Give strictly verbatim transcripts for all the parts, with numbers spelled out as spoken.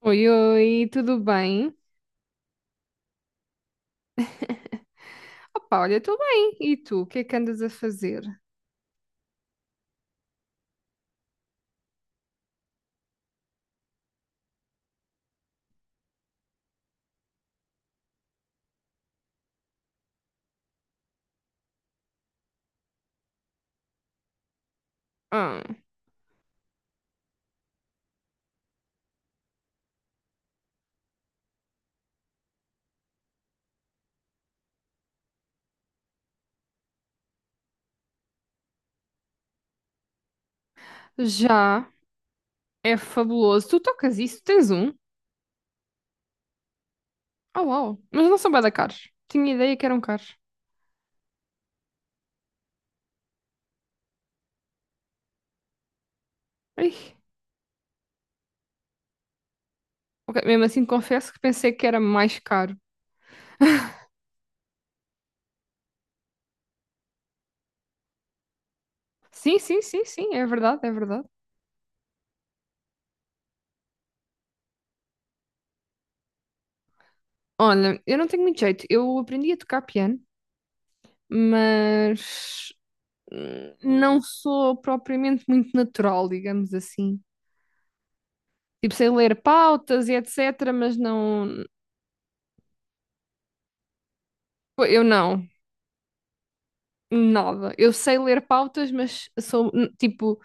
Oi, oi, tudo bem? Opa, olha, tudo bem. E tu, o que é que andas a fazer? Ah, já é fabuloso. Tu tocas isso? Tens um? Oh, uau. Mas não são bué da caros. Tinha ideia que eram caros. Ai, ok. Mesmo assim, confesso que pensei que era mais caro. Sim, sim, sim, sim, é verdade, é verdade. Olha, eu não tenho muito jeito. Eu aprendi a tocar piano, mas hum, não sou propriamente muito natural, digamos assim. Tipo, sei ler pautas e etc, mas não. Eu não. Nada. Eu sei ler pautas, mas sou, n- tipo,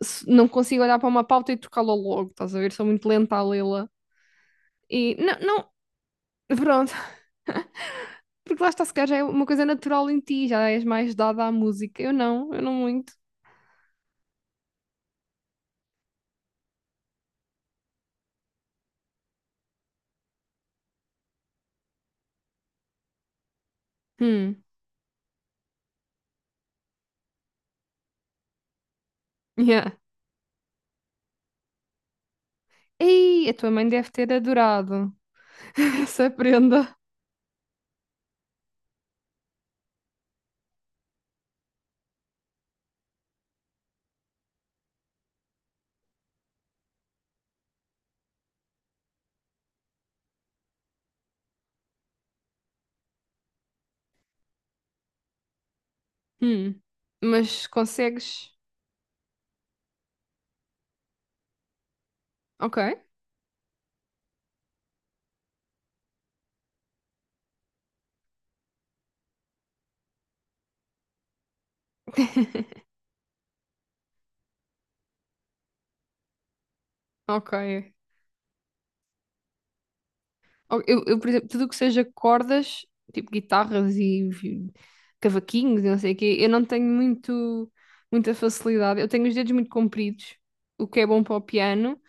s- não consigo olhar para uma pauta e trocá-la logo, estás a ver? Sou muito lenta a lê-la. E não, não, pronto. Porque lá está, se calhar já é uma coisa natural em ti, já és mais dada à música. Eu não, eu não muito. Hum, yeah. Ei, a tua mãe deve ter adorado essa prenda. Hum, mas consegues. Ok, ok. Ou Eu, eu, por exemplo, tudo o que seja cordas, tipo guitarras e vi- cavaquinhos e não sei o quê, eu não tenho muito, muita facilidade. Eu tenho os dedos muito compridos, o que é bom para o piano,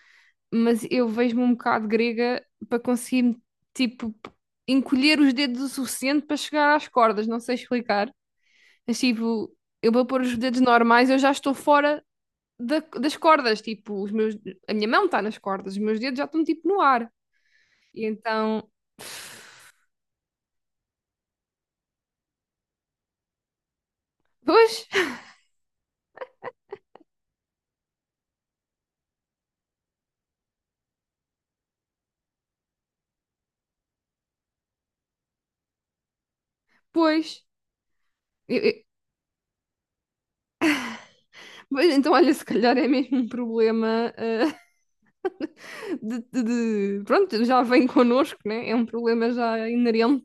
mas eu vejo-me um bocado grega para conseguir, tipo, p- encolher os dedos o suficiente para chegar às cordas. Não sei explicar. Mas, tipo, eu vou pôr os dedos normais, eu já estou fora da- das cordas. Tipo, os meus, a minha mão está nas cordas, os meus dedos já estão, tipo, no ar. E então. Pois, pois. Eu- eu- pois. Então, olha, se calhar é mesmo um problema eh, de, de- de- pronto, já vem connosco, né? É um problema já inerente.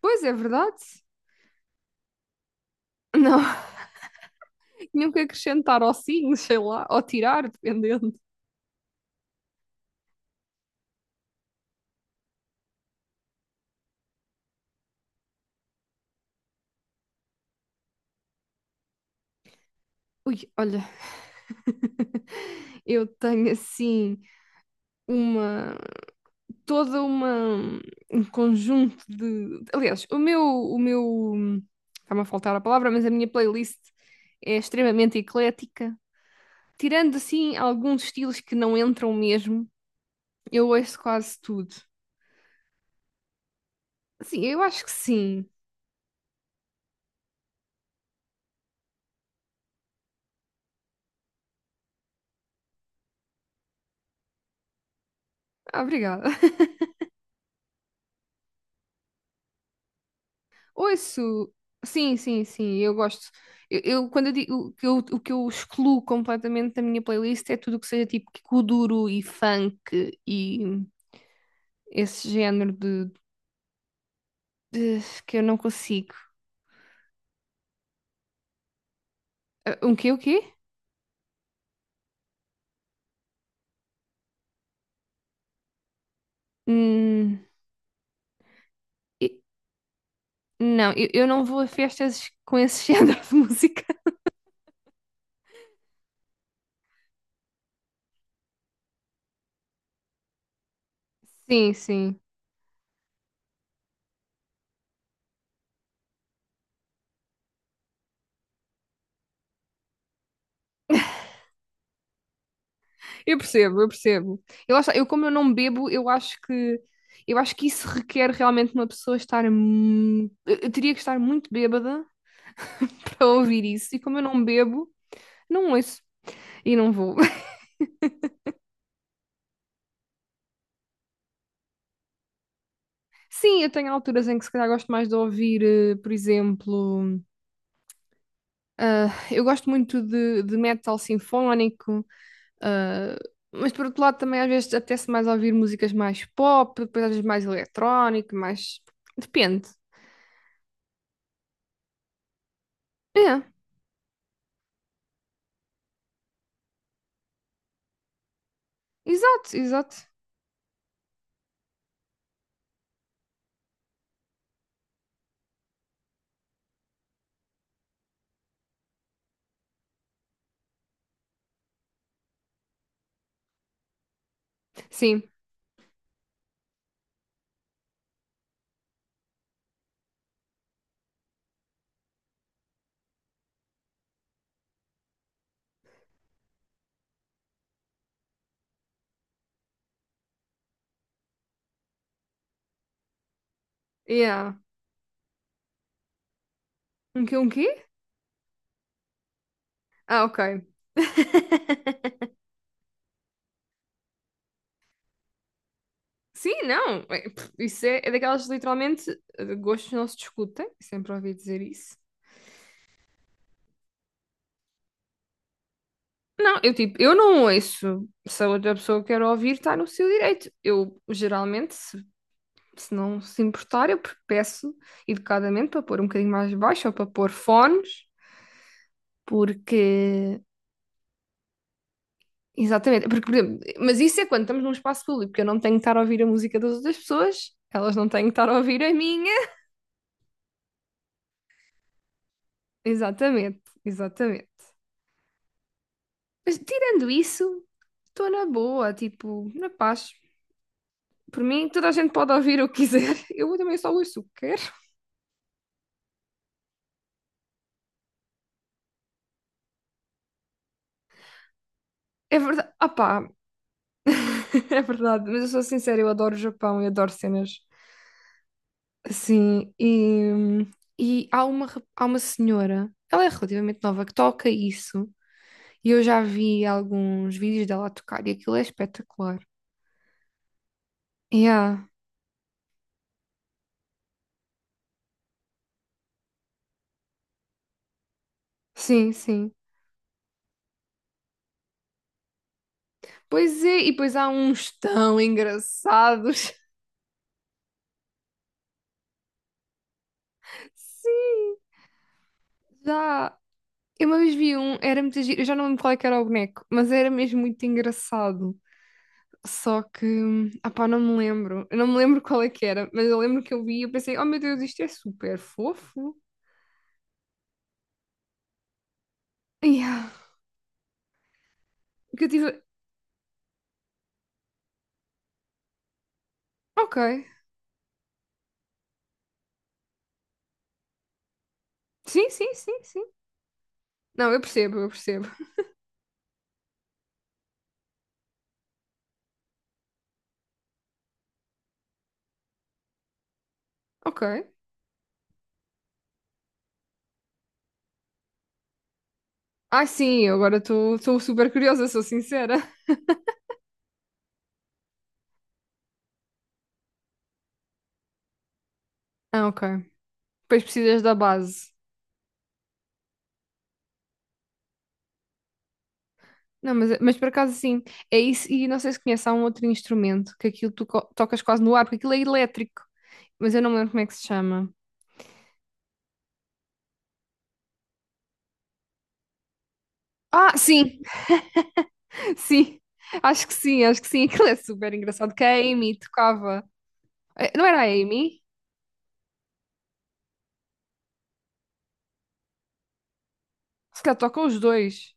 Pois, é verdade. Não, tinham que acrescentar ou sim, sei lá, ou tirar, dependendo. Ui, olha, eu tenho assim uma... Toda uma... Um conjunto de... Aliás, o meu... O meu... hum, está-me a faltar a palavra, mas a minha playlist é extremamente eclética. Tirando assim alguns estilos que não entram mesmo, eu ouço quase tudo. Sim, eu acho que sim. Ah, obrigada. Ouço. Sim, sim, sim, eu gosto. Eu, eu- quando eu digo que eu- o que eu excluo completamente da minha playlist é tudo o que seja tipo kuduro e funk e esse género de, de- que eu não consigo. Ah, um quê, o quê? Hum, e- não, eu, eu não vou a festas com esse género de música. Sim, sim. Eu percebo, eu percebo. Eu, lá eu como eu não bebo, eu acho que eu acho que isso requer realmente uma pessoa estar mu- eu eu teria que estar muito bêbada para ouvir isso. E como eu não bebo, não ouço e não vou. Sim, eu tenho alturas em que se calhar gosto mais de ouvir, eh, por exemplo, ah, eu gosto muito de, de metal sinfónico, ah, mas por outro lado também às vezes apetece mais ouvir músicas mais pop, depois às vezes mais eletrónico, mais. Depende. É. Exato, exato. Sim. Yeah. Um quê? Um quê? Ah, ok. Sim, não. É, pff, isso é, é daquelas literalmente de gostos não se discutem. Sempre ouvi dizer isso. Não, eu tipo, eu não ouço. Se a outra pessoa quer ouvir, está no seu direito. Eu geralmente, se, se não se importar, eu peço educadamente para pôr um bocadinho mais baixo ou para pôr fones, porque. Exatamente, porque, por exemplo, mas isso é quando estamos num espaço público, porque eu não tenho que estar a ouvir a música das outras pessoas, elas não têm que estar a ouvir a minha. Exatamente, exatamente. Mas tirando isso, estou na boa, tipo, na paz. Por mim, toda a gente pode ouvir o que quiser. Eu também só ouço o que quero. É verdade. Ah pá, é verdade. Mas eu sou sincera, eu adoro o Japão e adoro cenas assim. E, e há uma, rap- há uma senhora, ela é relativamente nova, que toca isso. E eu já vi alguns vídeos dela a tocar e aquilo é espetacular. Yeah, sim, sim. Pois é, e depois há uns tão engraçados. Sim, já. Eu uma vez vi um, era muito giro, eu já não lembro qual é que era o boneco, mas era mesmo muito engraçado. Só que, ah pá, não me lembro. Eu não me lembro qual é que era, mas eu lembro que eu vi e eu pensei, oh meu Deus, isto é super fofo. Yeah. Que eu tive, ok. Sim, sim, sim, sim. Não, eu percebo, eu percebo. Ok. Ah, sim, eu agora estou super curiosa, sou sincera. Ah, ok. Depois precisas da base. Não, mas, mas por acaso sim, é isso, e não sei se conhece, há um outro instrumento que aquilo tu co- tocas quase no ar, porque aquilo é elétrico, mas eu não me lembro como é que se chama. Ah, sim, sim, acho que sim, acho que sim, aquilo é super engraçado, que a Amy tocava. Eh, não era a Amy? Se calhar tocam os dois,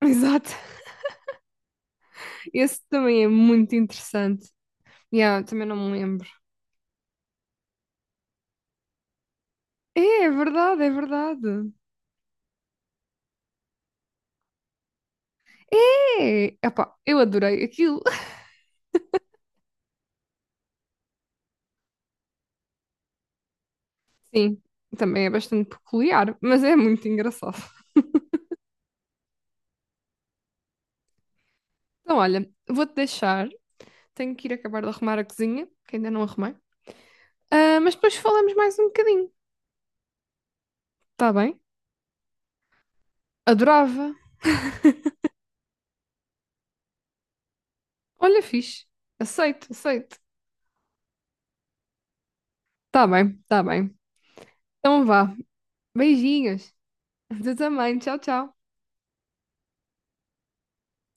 exato, esse também é muito interessante, yeah, também não me lembro. É, é verdade, é verdade, é, epá, eu adorei aquilo, sim, também é bastante peculiar, mas é muito engraçado. Então, olha, vou-te deixar. Tenho que ir acabar de arrumar a cozinha, que ainda não arrumei. Ah, mas depois falamos mais um bocadinho, tá bem? Adorava. Olha, fixe. Aceito, aceito. Tá bem, tá bem. Então vá. Beijinhos. Tu também. Tchau, tchau.